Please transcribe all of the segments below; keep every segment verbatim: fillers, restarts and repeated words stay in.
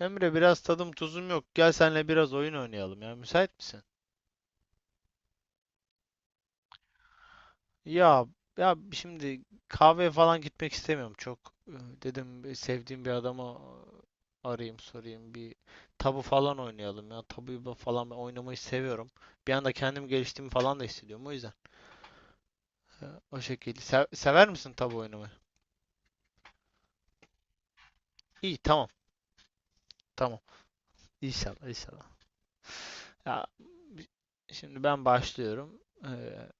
Emre biraz tadım tuzum yok. Gel senle biraz oyun oynayalım ya. Müsait misin? Ya ya şimdi kahveye falan gitmek istemiyorum çok. Ee, Dedim sevdiğim bir adama e, arayayım sorayım bir tabu falan oynayalım ya. Tabuyu ba- falan ben oynamayı seviyorum. Bir anda kendim geliştiğimi falan da hissediyorum o yüzden. e, O şekilde. Se- sever misin tabu oynamayı? İyi, tamam tamam. İnşallah inşallah. Ya şimdi ben başlıyorum. Ee,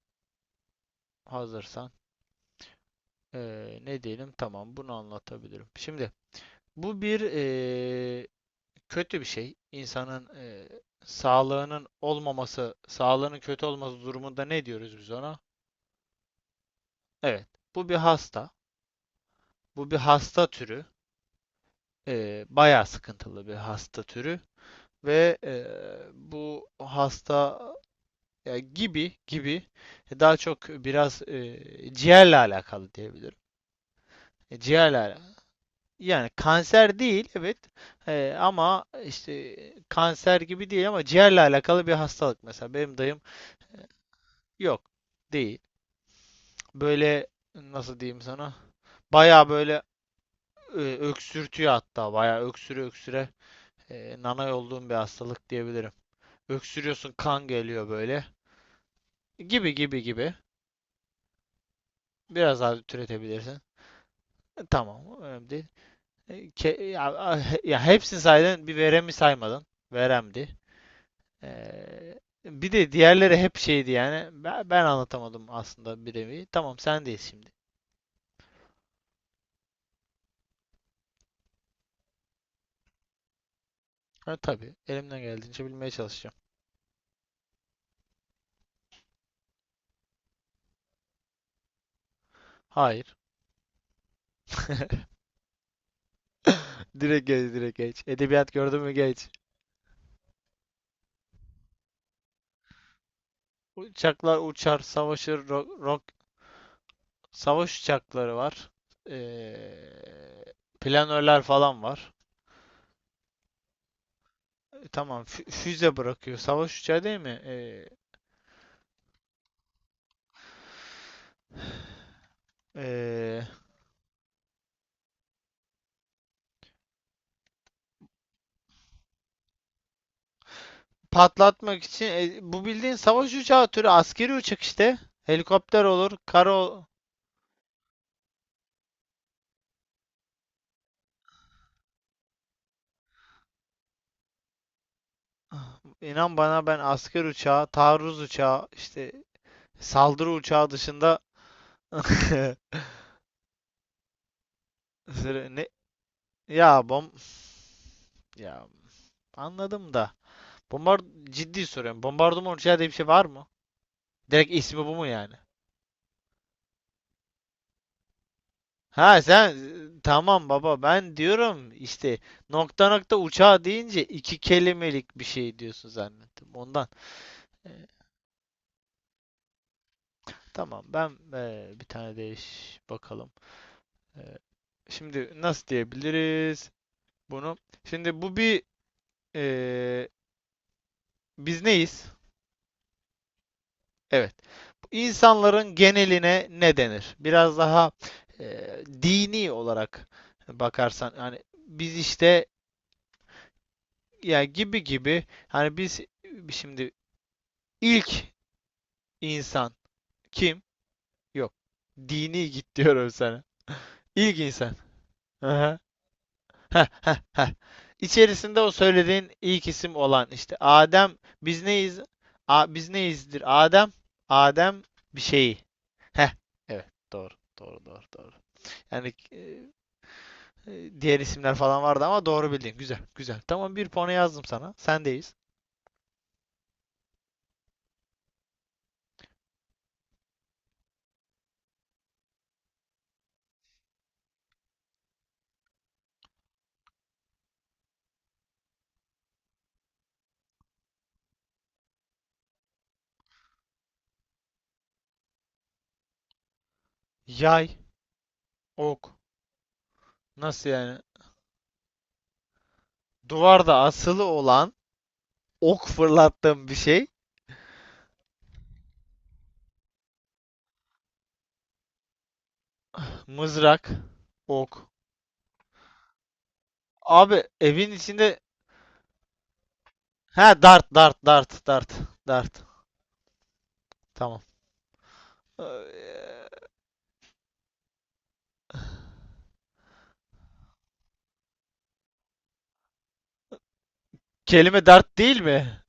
Hazırsan. Ee, ne diyelim? Tamam, bunu anlatabilirim. Şimdi bu bir eee, kötü bir şey. İnsanın eee, sağlığının olmaması, sağlığının kötü olması durumunda ne diyoruz biz ona? Evet, bu bir hasta. Bu bir hasta türü. Eee bayağı sıkıntılı bir hasta türü ve eee, bu hasta. Ya, gibi gibi, e, daha çok biraz eee, ciğerle alakalı diyebilirim. E, ciğerle. Yani kanser değil, evet. Eee, ama işte kanser gibi değil, ama ciğerle alakalı bir hastalık, mesela benim dayım. Yok, değil. Böyle, nasıl diyeyim sana, baya böyle e, öksürtüyor. Hatta baya öksüre öksüre e, nanay olduğum bir hastalık diyebilirim. Öksürüyorsun, kan geliyor böyle, gibi gibi gibi biraz daha türetebilirsin. E, tamam, önemli değil. E, ke- ya, ya hepsini saydın, bir veremi saymadın, veremdi. Ee, Bir de diğerleri hep şeydi yani. Ben, ben anlatamadım aslında, bir nevi. Tamam, sendeyiz şimdi. Ha, tabii. Elimden geldiğince bilmeye çalışacağım. Hayır. Direkt geç, direkt geç. Edebiyat gördün mü geç. Uçaklar uçar, savaşır, rock, rock- savaş uçakları var. Ee, Planörler falan var. E, tamam, fü- füze bırakıyor. Savaş uçağı değil mi? Ee, ee, Patlatmak için e, bu, bildiğin savaş uçağı türü askeri uçak işte. Helikopter olur, karo inan bana, ben asker uçağı, taarruz uçağı, işte saldırı uçağı dışında... Ne, ya, bom ya anladım da. Bombard Ciddi soruyorum. Bombardıman uçağı diye bir şey var mı? Direkt ismi bu mu yani? Ha sen, tamam baba, ben diyorum işte, nokta nokta uçağı deyince iki kelimelik bir şey diyorsun zannettim ondan. Ee, Tamam, ben eee, bir tane değiş bakalım. Eee, Şimdi nasıl diyebiliriz bunu? Şimdi bu bir, eee, biz neyiz? Evet. İnsanların geneline ne denir? Biraz daha eee, dini olarak bakarsan hani biz işte, ya, gibi gibi, hani biz, şimdi ilk insan kim? Yok. Dini git diyorum sana. İlk insan. Aha. Heh, heh, heh. İçerisinde o söylediğin ilk isim olan işte Adem, biz neyiz? A, biz neyizdir? Adem, Adem bir şeyi. Heh. Evet, doğru, doğru, doğru, doğru. Yani e, e, diğer isimler falan vardı, ama doğru bildin. Güzel, güzel. Tamam, bir puanı yazdım sana. Sendeyiz. Yay, ok. Nasıl yani? Duvarda asılı olan, ok fırlattığım bir şey. Mızrak, ok. Abi evin içinde? Ha, dart, dart, dart, dart, dart. Tamam. Ee, Kelime dart değil mi?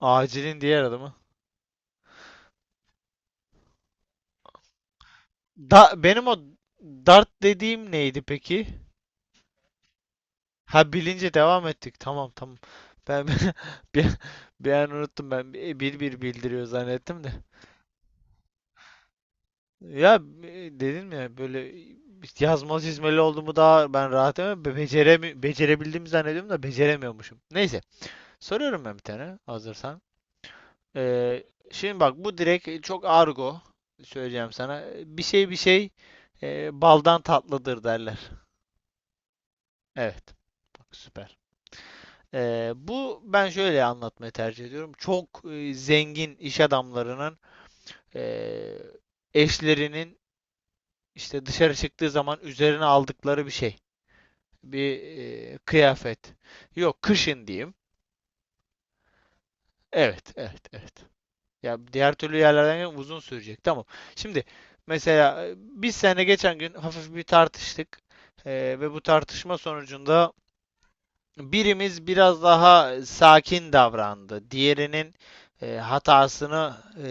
Acilin diğer adı mı? Da benim o dart dediğim neydi peki? Ha, bilince devam ettik. Tamam tamam. Ben, bir, bir an unuttum ben. Bir bir bildiriyor zannettim de. Ya e, dedin mi böyle yazmalı çizmeli olduğumu daha ben rahat, ama beceremi becerebildiğimi zannediyorum da beceremiyormuşum. Neyse. Soruyorum ben bir tane, hazırsan. Ee, Şimdi bak, bu direkt çok argo söyleyeceğim sana. Bir şey bir şey e, baldan tatlıdır derler. Evet. Bak süper. Ee, bu, ben şöyle anlatmayı tercih ediyorum. Çok e, zengin iş adamlarının e, eşlerinin işte dışarı çıktığı zaman üzerine aldıkları bir şey. Bir e, kıyafet. Yok, kışın diyeyim. Evet, evet, evet. Ya diğer türlü yerlerden uzun sürecek. Tamam. Şimdi mesela e, biz seninle geçen gün hafif bir tartıştık. Ee, ve bu tartışma sonucunda birimiz biraz daha sakin davrandı. Diğerinin e, hatasını, e,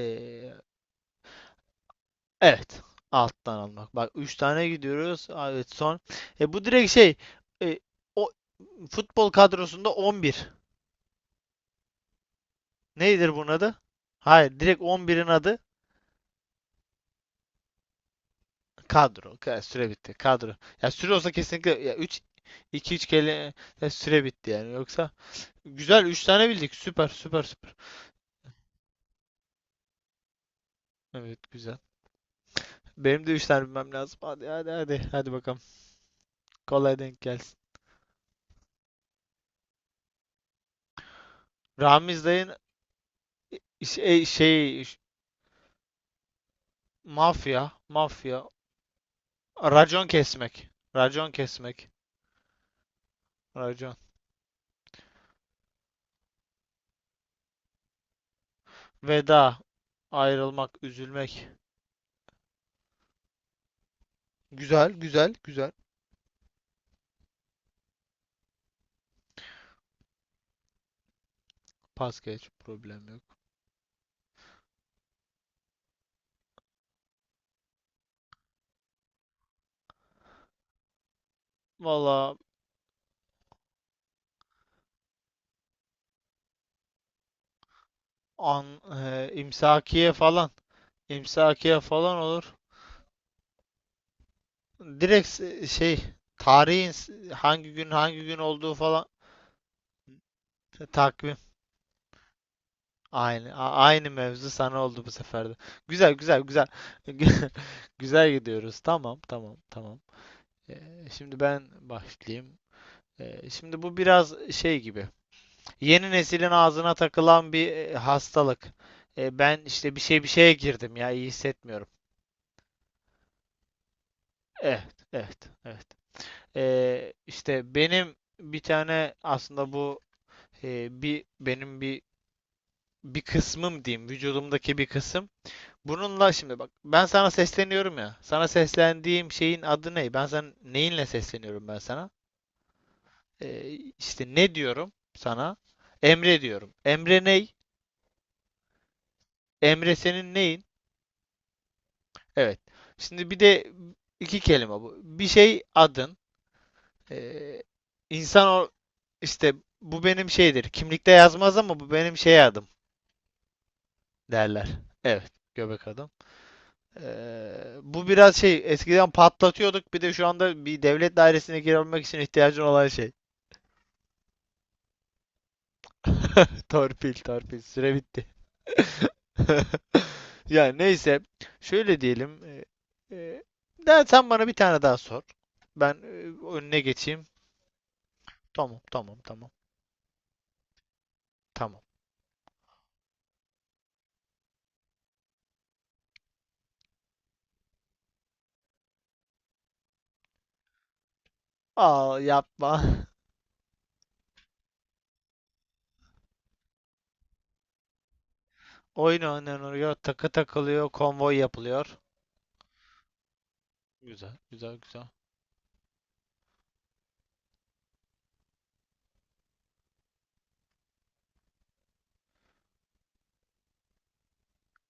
evet, alttan almak. Bak üç tane gidiyoruz. Evet, son. E, bu direkt şey, e, o futbol kadrosunda on bir. Nedir bunun adı? Hayır, direkt on birin adı. Kadro. Ka- Süre bitti. Kadro. Ya süre olsa kesinlikle, ya üç iki üç kere, ya süre bitti yani. Yoksa güzel üç tane bildik. Süper süper süper. Evet, güzel. Benim de üç tane bilmem lazım. Hadi hadi hadi. Hadi bakalım. Kolay denk gelsin. Ramiz dayın iş- e, şey, iş- mafya mafya racon kesmek. Racon kesmek. Racon. Veda. Ayrılmak, üzülmek. Güzel, güzel, güzel. Pas geç, problem yok. Valla, An, e, imsakiye falan. İmsakiye falan olur. Direkt şey, tarihin hangi gün hangi gün olduğu falan. Takvim. Aynı a- aynı mevzu sana oldu bu sefer de. Güzel güzel güzel. Güzel gidiyoruz. Tamam tamam tamam. E, Şimdi ben başlayayım. E, şimdi bu biraz şey gibi. Yeni neslin ağzına takılan bir e, hastalık. E, ben işte bir şey bir şeye girdim ya, iyi hissetmiyorum. Evet evet evet. Ee, işte benim bir tane, aslında bu e, bir benim bir bir kısmım diyeyim, vücudumdaki bir kısım. Bununla şimdi bak, ben sana sesleniyorum ya. Sana seslendiğim şeyin adı ne? Ben sana neyinle sesleniyorum, ben sana? Ee, işte ne diyorum sana? Emre diyorum. Emre ney? Emre senin neyin? Evet. Şimdi bir de iki kelime bu. Bir şey adın. Ee, insan o işte, bu benim şeydir. Kimlikte yazmaz, ama bu benim şey adım, derler. Evet, göbek adam. Ee, bu biraz şey, eskiden patlatıyorduk, bir de şu anda bir devlet dairesine girebilmek için ihtiyacın olan şey. Torpil, torpil. Süre bitti. Yani neyse, şöyle diyelim. e, e, Sen bana bir tane daha sor. Ben e, önüne geçeyim. Tamam, tamam, tamam. Tamam. Al yapma. Oyun oynanıyor, takı takılıyor, konvoy yapılıyor. Güzel, güzel, güzel.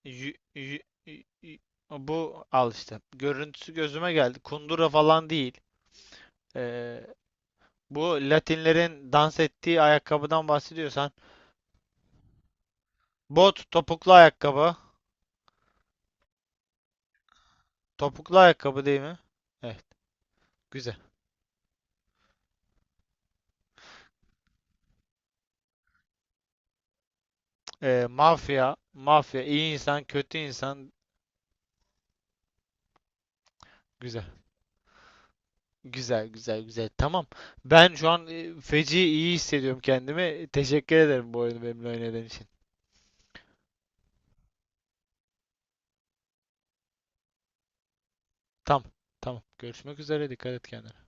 Yü- yü- yü- yü- Bu al işte. Görüntüsü gözüme geldi. Kundura falan değil. Ee, Bu Latinlerin dans ettiği ayakkabıdan bahsediyorsan. Bot, topuklu ayakkabı. Topuklu ayakkabı değil mi? Evet. Güzel. Ee, mafya. Mafya. İyi insan, kötü insan. Güzel. Güzel, güzel, güzel. Tamam. Ben şu an e, feci iyi hissediyorum kendimi. Teşekkür ederim bu oyunu benimle oynadığın için. Tamam. Tamam. Görüşmek üzere. Dikkat et kendine.